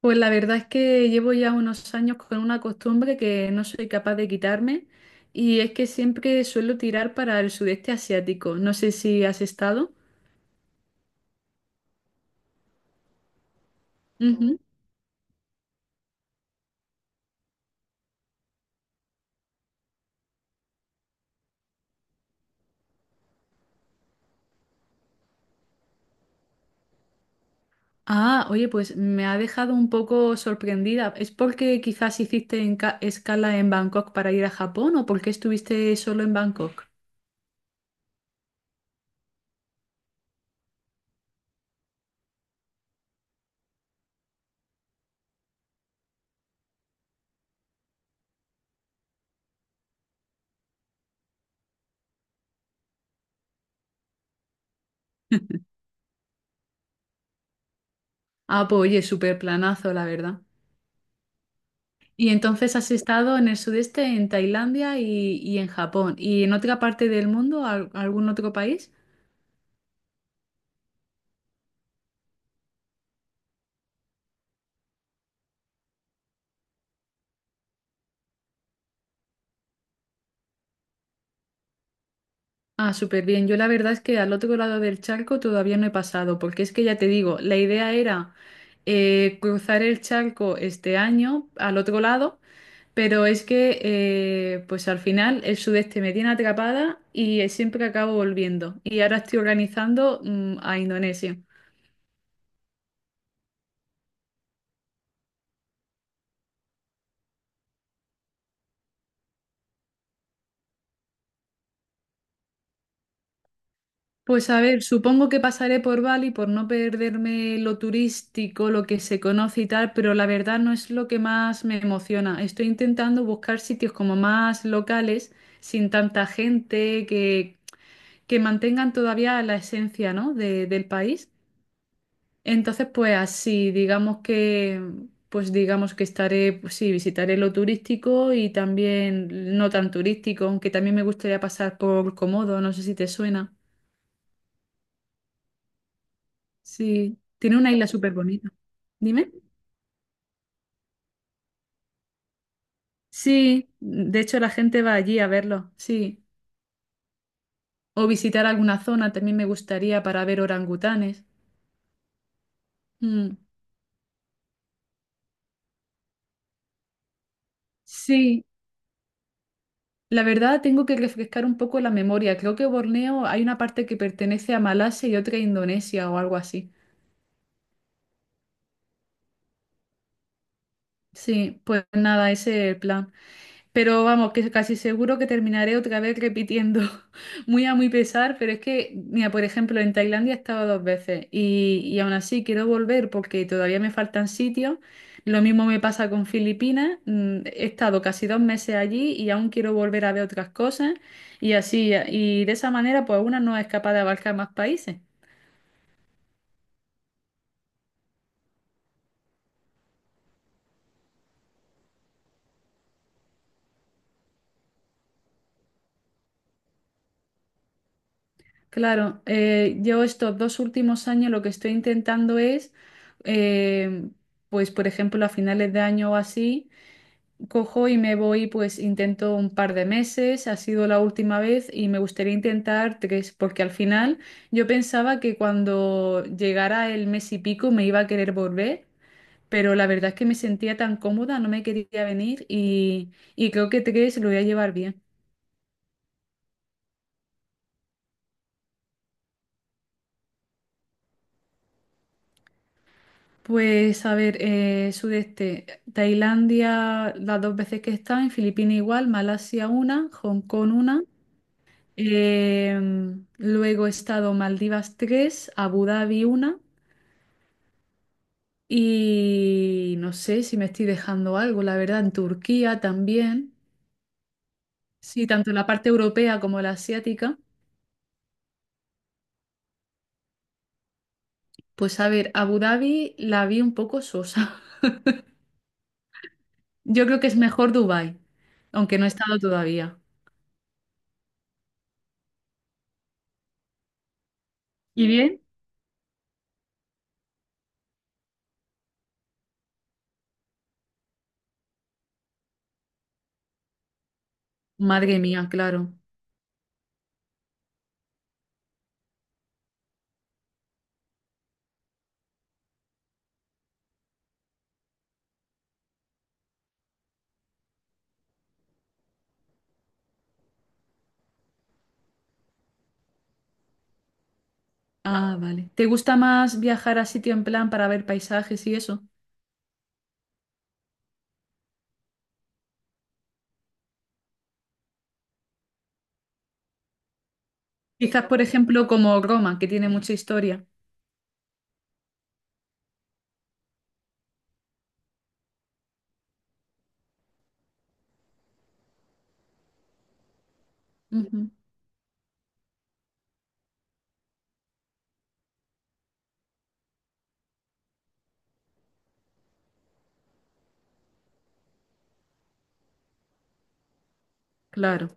Pues la verdad es que llevo ya unos años con una costumbre que no soy capaz de quitarme y es que siempre suelo tirar para el sudeste asiático. No sé si has estado. Ujú. Ah, oye, pues me ha dejado un poco sorprendida. ¿Es porque quizás hiciste escala en Bangkok para ir a Japón o porque estuviste solo en Bangkok? Ah, pues oye, súper planazo, la verdad. Y entonces has estado en el sudeste, en Tailandia y en Japón. ¿Y en otra parte del mundo, algún otro país? Ah, súper bien. Yo la verdad es que al otro lado del charco todavía no he pasado, porque es que ya te digo, la idea era cruzar el charco este año al otro lado, pero es que pues al final el sudeste me tiene atrapada y siempre acabo volviendo. Y ahora estoy organizando a Indonesia. Pues a ver, supongo que pasaré por Bali por no perderme lo turístico, lo que se conoce y tal, pero la verdad no es lo que más me emociona. Estoy intentando buscar sitios como más locales, sin tanta gente, que mantengan todavía la esencia, ¿no? Del país. Entonces, pues así, digamos que, pues digamos que estaré, pues sí, visitaré lo turístico y también no tan turístico, aunque también me gustaría pasar por Komodo, no sé si te suena. Sí, tiene una isla súper bonita. Dime. Sí, de hecho la gente va allí a verlo, sí. O visitar alguna zona también me gustaría para ver orangutanes. Mm, Sí, la verdad tengo que refrescar un poco la memoria. Creo que Borneo hay una parte que pertenece a Malasia y otra a Indonesia o algo así. Sí, pues nada, ese es el plan. Pero vamos, que casi seguro que terminaré otra vez repitiendo, muy a muy pesar, pero es que, mira, por ejemplo, en Tailandia he estado dos veces y aún así quiero volver porque todavía me faltan sitios. Lo mismo me pasa con Filipinas, he estado casi 2 meses allí y aún quiero volver a ver otras cosas y así, y de esa manera, pues una no es capaz de abarcar más países. Claro, yo estos dos últimos años lo que estoy intentando es, eh, pues por ejemplo, a finales de año o así, cojo y me voy, pues intento un par de meses, ha sido la última vez y me gustaría intentar tres, porque al final yo pensaba que cuando llegara el mes y pico me iba a querer volver, pero la verdad es que me sentía tan cómoda, no me quería venir y creo que tres lo voy a llevar bien. Pues a ver, sudeste, Tailandia las dos veces que he estado, en Filipinas igual, Malasia una, Hong Kong una. Luego he estado Maldivas 3, Abu Dhabi una y no sé si me estoy dejando algo, la verdad, en Turquía también. Sí, tanto la parte europea como la asiática. Pues a ver, Abu Dhabi la vi un poco sosa. Yo creo que es mejor Dubái, aunque no he estado todavía. ¿Y bien? Madre mía, claro. Ah, vale. ¿Te gusta más viajar a sitio en plan para ver paisajes y eso? Quizás, por ejemplo, como Roma, que tiene mucha historia. Ujú. Claro.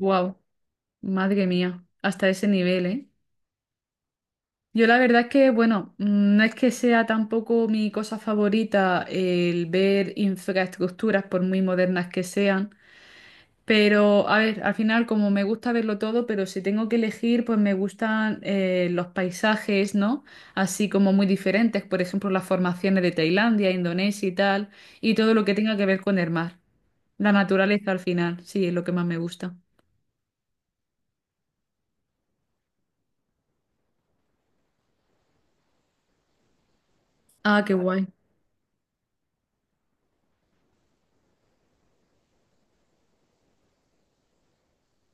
Wow, madre mía, hasta ese nivel, ¿eh? Yo la verdad es que, bueno, no es que sea tampoco mi cosa favorita el ver infraestructuras, por muy modernas que sean, pero a ver, al final como me gusta verlo todo, pero si tengo que elegir, pues me gustan los paisajes, ¿no? Así como muy diferentes, por ejemplo, las formaciones de Tailandia, Indonesia y tal, y todo lo que tenga que ver con el mar. La naturaleza al final, sí, es lo que más me gusta. Ah, qué guay.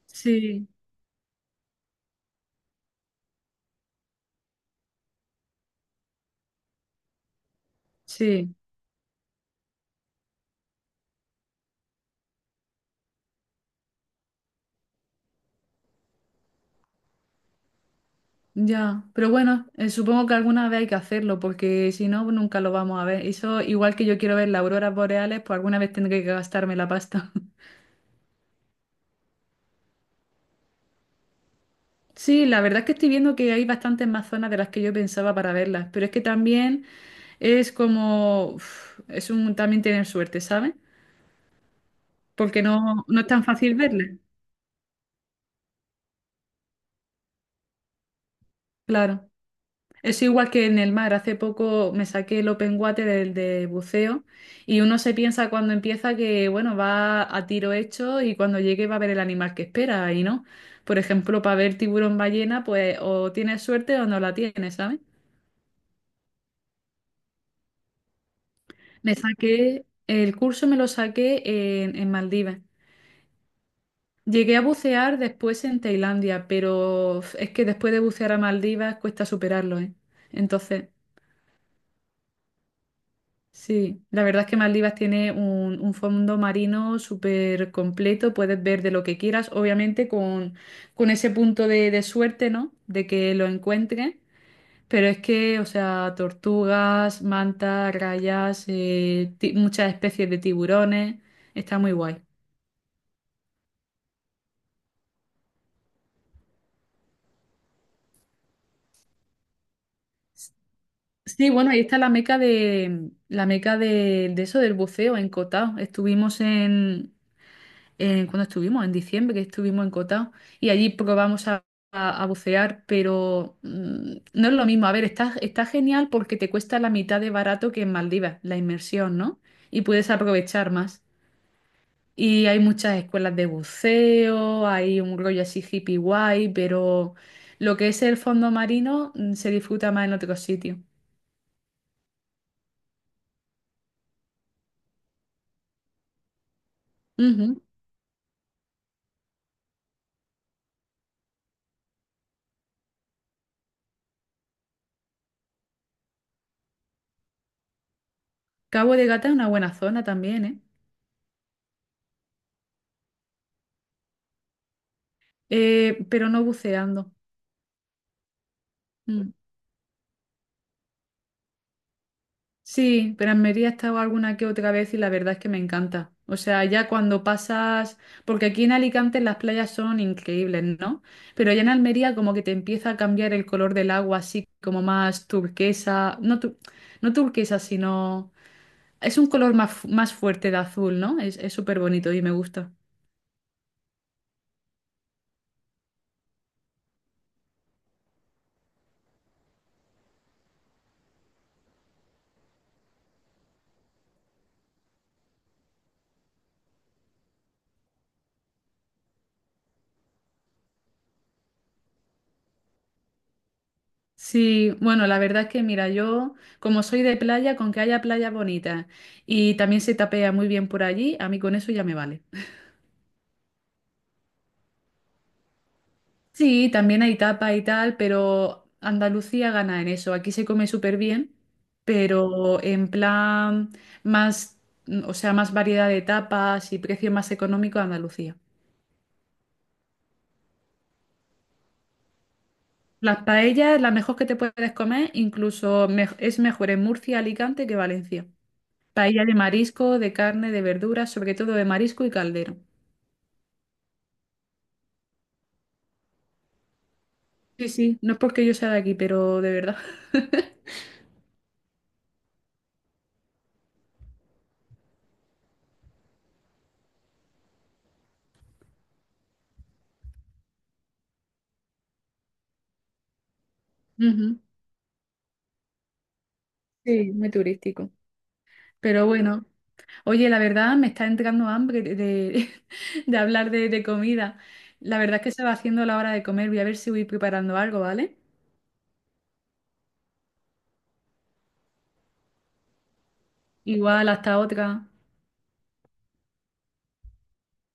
Sí, sí. Ya, pero bueno, supongo que alguna vez hay que hacerlo, porque si no, nunca lo vamos a ver. Eso, igual que yo quiero ver las auroras boreales, pues alguna vez tendré que gastarme la pasta. Sí, la verdad es que estoy viendo que hay bastantes más zonas de las que yo pensaba para verlas, pero es que también es como, uf, es un también tener suerte, ¿sabes? Porque no, no es tan fácil verlas. Claro. Es igual que en el mar. Hace poco me saqué el open water, el de buceo, y uno se piensa cuando empieza que, bueno, va a tiro hecho y cuando llegue va a ver el animal que espera, y no. Por ejemplo, para ver tiburón ballena, pues o tienes suerte o no la tienes, ¿sabes? Me saqué, el curso me lo saqué en, Maldivas. Llegué a bucear después en Tailandia, pero uf, es que después de bucear a Maldivas cuesta superarlo, ¿eh? Entonces... Sí, la verdad es que Maldivas tiene un fondo marino súper completo, puedes ver de lo que quieras, obviamente con ese punto de suerte, ¿no? De que lo encuentres, pero es que, o sea, tortugas, mantas, rayas, muchas especies de tiburones, está muy guay. Sí, bueno, ahí está la meca de la meca de eso del buceo en Cotao. Estuvimos en, cuando estuvimos, en diciembre, que estuvimos en Cotao, y allí probamos a bucear, pero no es lo mismo. A ver, está genial porque te cuesta la mitad de barato que en Maldivas, la inmersión, ¿no? Y puedes aprovechar más. Y hay muchas escuelas de buceo, hay un rollo así hippie guay, pero lo que es el fondo marino se disfruta más en otros sitios. Ujú. Cabo de Gata es una buena zona también, ¿eh? Pero no buceando. Mm. Sí, pero en Almería he estado alguna que otra vez y la verdad es que me encanta. O sea, ya cuando pasas, porque aquí en Alicante las playas son increíbles, ¿no? Pero ya en Almería como que te empieza a cambiar el color del agua, así como más turquesa, no, no turquesa, sino es un color más, más fuerte de azul, ¿no? Es súper bonito y me gusta. Sí, bueno, la verdad es que mira, yo como soy de playa, con que haya playas bonitas y también se tapea muy bien por allí, a mí con eso ya me vale. Sí, también hay tapa y tal, pero Andalucía gana en eso. Aquí se come súper bien, pero en plan más, o sea, más variedad de tapas y precio más económico Andalucía. Las paellas, la mejor que te puedes comer, incluso es mejor en Murcia, Alicante que Valencia. Paella de marisco, de carne, de verduras, sobre todo de marisco y caldero. Sí, sí, no es porque yo sea de aquí, pero de verdad. Ujú. Sí, muy turístico. Pero bueno. Oye, la verdad me está entrando hambre de, de hablar de comida. La verdad es que se va haciendo la hora de comer. Voy a ver si voy preparando algo, ¿vale? Igual, hasta otra.